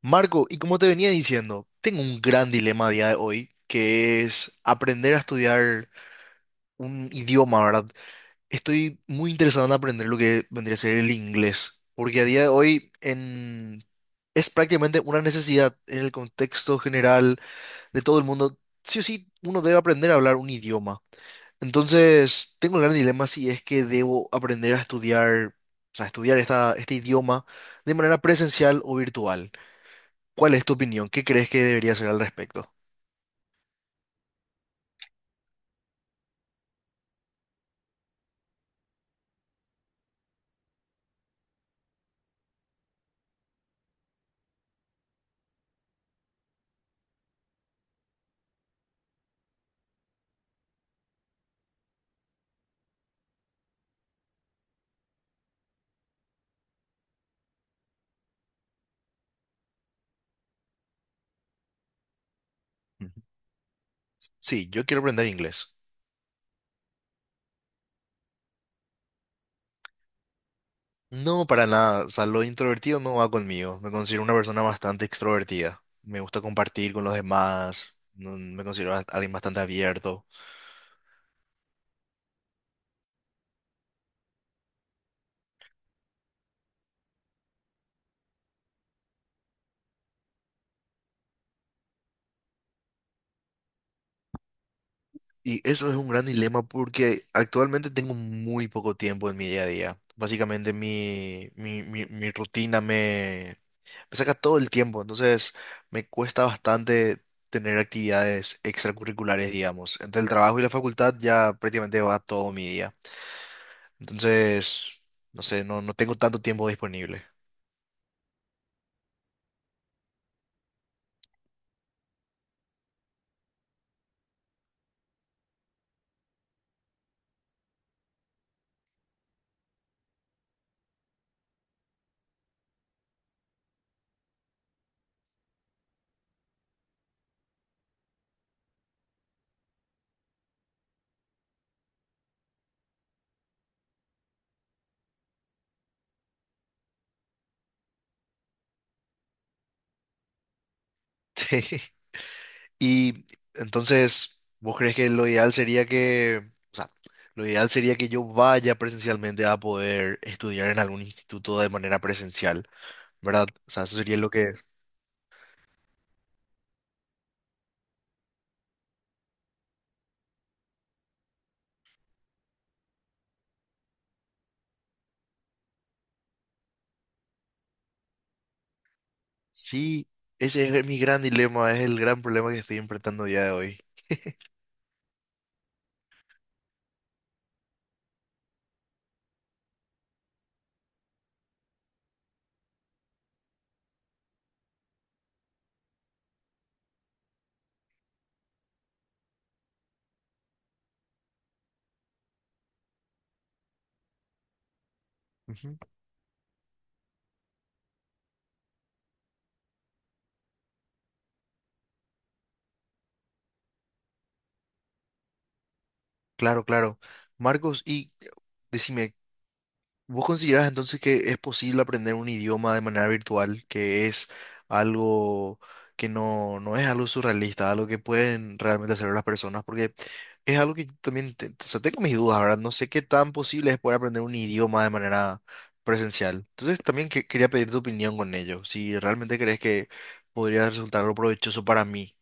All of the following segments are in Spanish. Marco, y como te venía diciendo, tengo un gran dilema a día de hoy, que es aprender a estudiar un idioma, ¿verdad? Estoy muy interesado en aprender lo que vendría a ser el inglés, porque a día de hoy es prácticamente una necesidad en el contexto general de todo el mundo. Sí o sí, uno debe aprender a hablar un idioma. Entonces, tengo el gran dilema si es que debo aprender a estudiar, o sea, estudiar este idioma de manera presencial o virtual. ¿Cuál es tu opinión? ¿Qué crees que debería hacer al respecto? Ujú. Sí, yo quiero aprender inglés. No, para nada. O sea, lo introvertido no va conmigo. Me considero una persona bastante extrovertida. Me gusta compartir con los demás. Me considero alguien bastante abierto. Y eso es un gran dilema porque actualmente tengo muy poco tiempo en mi día a día. Básicamente mi rutina me saca todo el tiempo, entonces me cuesta bastante tener actividades extracurriculares, digamos. Entre el trabajo y la facultad ya prácticamente va todo mi día. Entonces, no sé, no, no tengo tanto tiempo disponible. Sí. Y entonces, ¿vos crees que lo ideal sería que, o sea, lo ideal sería que yo vaya presencialmente a poder estudiar en algún instituto de manera presencial, ¿verdad? O sea, eso sería lo que... Sí, ese es mi gran dilema, es el gran problema que estoy enfrentando a día de hoy. Ujú. Claro, claro. Marcos, y decime, ¿vos considerás entonces que es posible aprender un idioma de manera virtual, que es algo que no, no es algo surrealista, algo que pueden realmente hacer las personas? Porque es algo que yo también o sea, tengo mis dudas, ¿verdad? No sé qué tan posible es poder aprender un idioma de manera presencial. Entonces también quería pedir tu opinión con ello, si realmente crees que podría resultar algo provechoso para mí.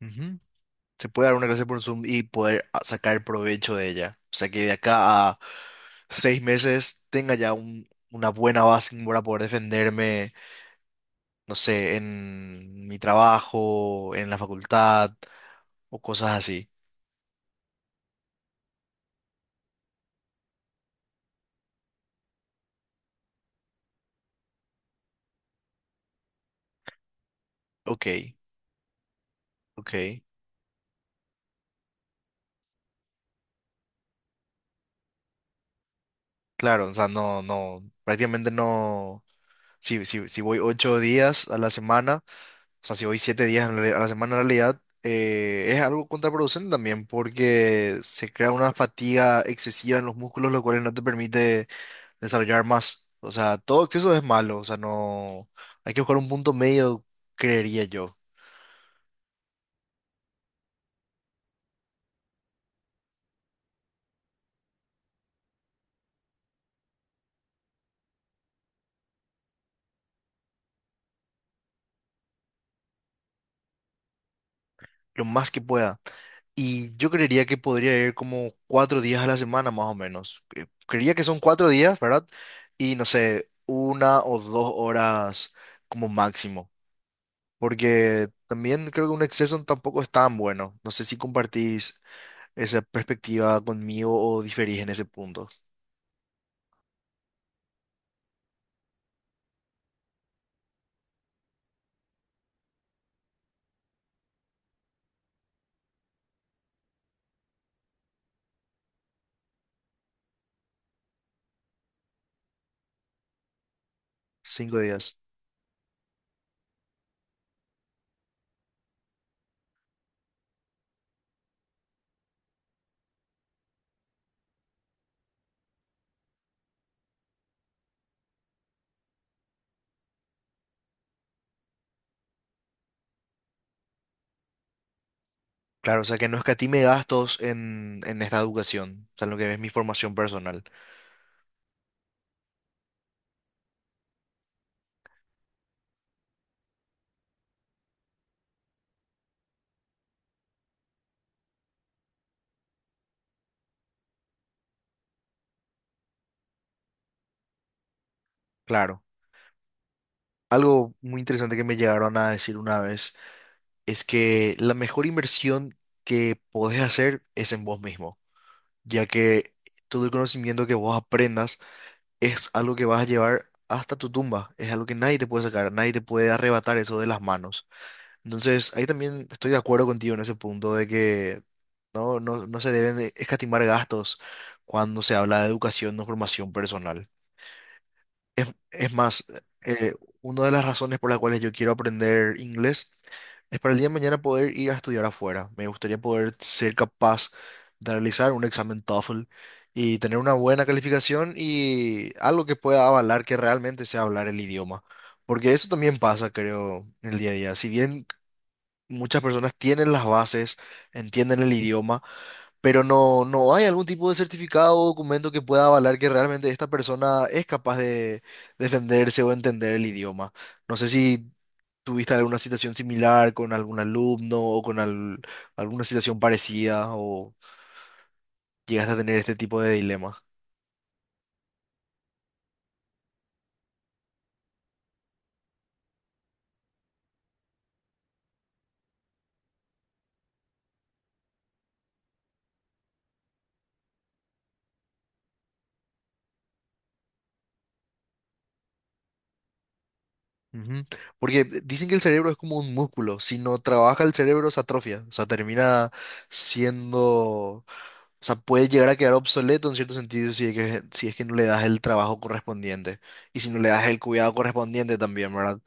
Ujú. Se puede dar una clase por Zoom y poder sacar provecho de ella. O sea, que de acá a 6 meses tenga ya una buena base como para poder defenderme, no sé, en mi trabajo, en la facultad o cosas así. Ok, ok. Claro, o sea, no, no, prácticamente no. Si, si, si voy 8 días a la semana, o sea, si voy 7 días a la semana, en realidad es algo contraproducente también, porque se crea una fatiga excesiva en los músculos, lo cual no te permite desarrollar más. O sea, todo exceso es malo, o sea, no. Hay que buscar un punto medio, creería yo. Lo más que pueda. Y yo creería que podría ir como 4 días a la semana más o menos. Creería que son 4 días, ¿verdad? Y no sé, 1 o 2 horas como máximo. Porque también creo que un exceso tampoco es tan bueno. No sé si compartís esa perspectiva conmigo o diferís en ese punto. 5 días. Claro, o sea que no escatime gastos en esta educación, o sea, en lo que es mi formación personal. Claro. Algo muy interesante que me llegaron a decir una vez. Es que la mejor inversión que podés hacer es en vos mismo, ya que todo el conocimiento que vos aprendas es algo que vas a llevar hasta tu tumba, es algo que nadie te puede sacar, nadie te puede arrebatar eso de las manos. Entonces, ahí también estoy de acuerdo contigo en ese punto de que no, no, no se deben de escatimar gastos cuando se habla de educación o formación personal. Es más, eh, una de las razones por las cuales yo quiero aprender inglés es para el día de mañana poder ir a estudiar afuera. Me gustaría poder ser capaz de realizar un examen TOEFL y tener una buena calificación y algo que pueda avalar que realmente sea hablar el idioma. Porque eso también pasa, creo, en el día a día. Si bien muchas personas tienen las bases, entienden el idioma, pero no, no hay algún tipo de certificado o documento que pueda avalar que realmente esta persona es capaz de defenderse o entender el idioma. No sé si tuviste alguna situación similar con algún alumno o con alguna situación parecida o llegaste a tener este tipo de dilema. Ujú. Porque dicen que el cerebro es como un músculo, si no trabaja el cerebro se atrofia, o sea, termina siendo. O sea, puede llegar a quedar obsoleto en cierto sentido si es que, no le das el trabajo correspondiente y si no le das el cuidado correspondiente también, ¿verdad?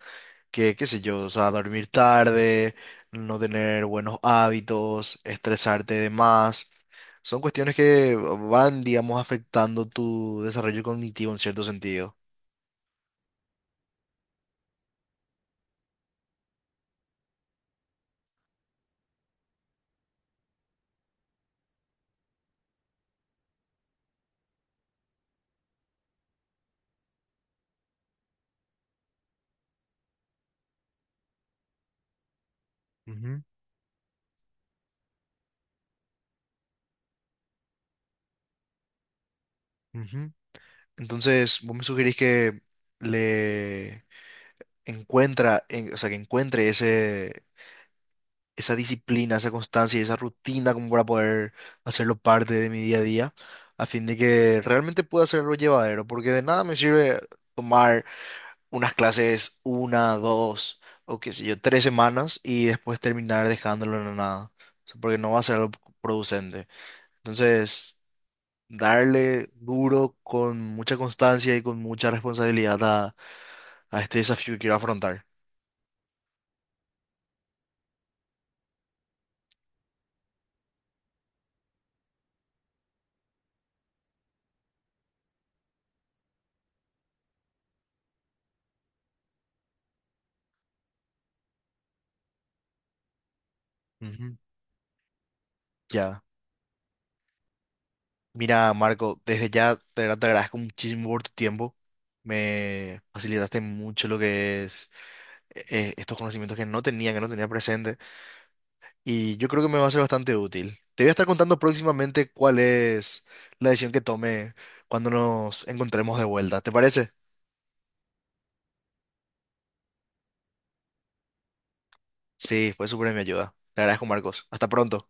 Que, qué sé yo, o sea, dormir tarde, no tener buenos hábitos, estresarte de más. Son cuestiones que van, digamos, afectando tu desarrollo cognitivo en cierto sentido. Ujú, ujú. Entonces, vos me sugerís que le o sea, que encuentre ese, esa disciplina, esa constancia y esa rutina como para poder hacerlo parte de mi día a día, a fin de que realmente pueda hacerlo llevadero, porque de nada me sirve tomar unas clases una, dos o qué sé yo, 3 semanas y después terminar dejándolo en la nada. O sea, porque no va a ser algo producente. Entonces, darle duro con mucha constancia y con mucha responsabilidad a este desafío que quiero afrontar. Ujú. Ya. Mira, Marco, desde ya te agradezco muchísimo por tu tiempo. Me facilitaste mucho lo que es estos conocimientos que no tenía presente. Y yo creo que me va a ser bastante útil. Te voy a estar contando próximamente cuál es la decisión que tome cuando nos encontremos de vuelta. ¿Te parece? Sí, fue súper de mi ayuda. Te agradezco, Marcos. Hasta pronto.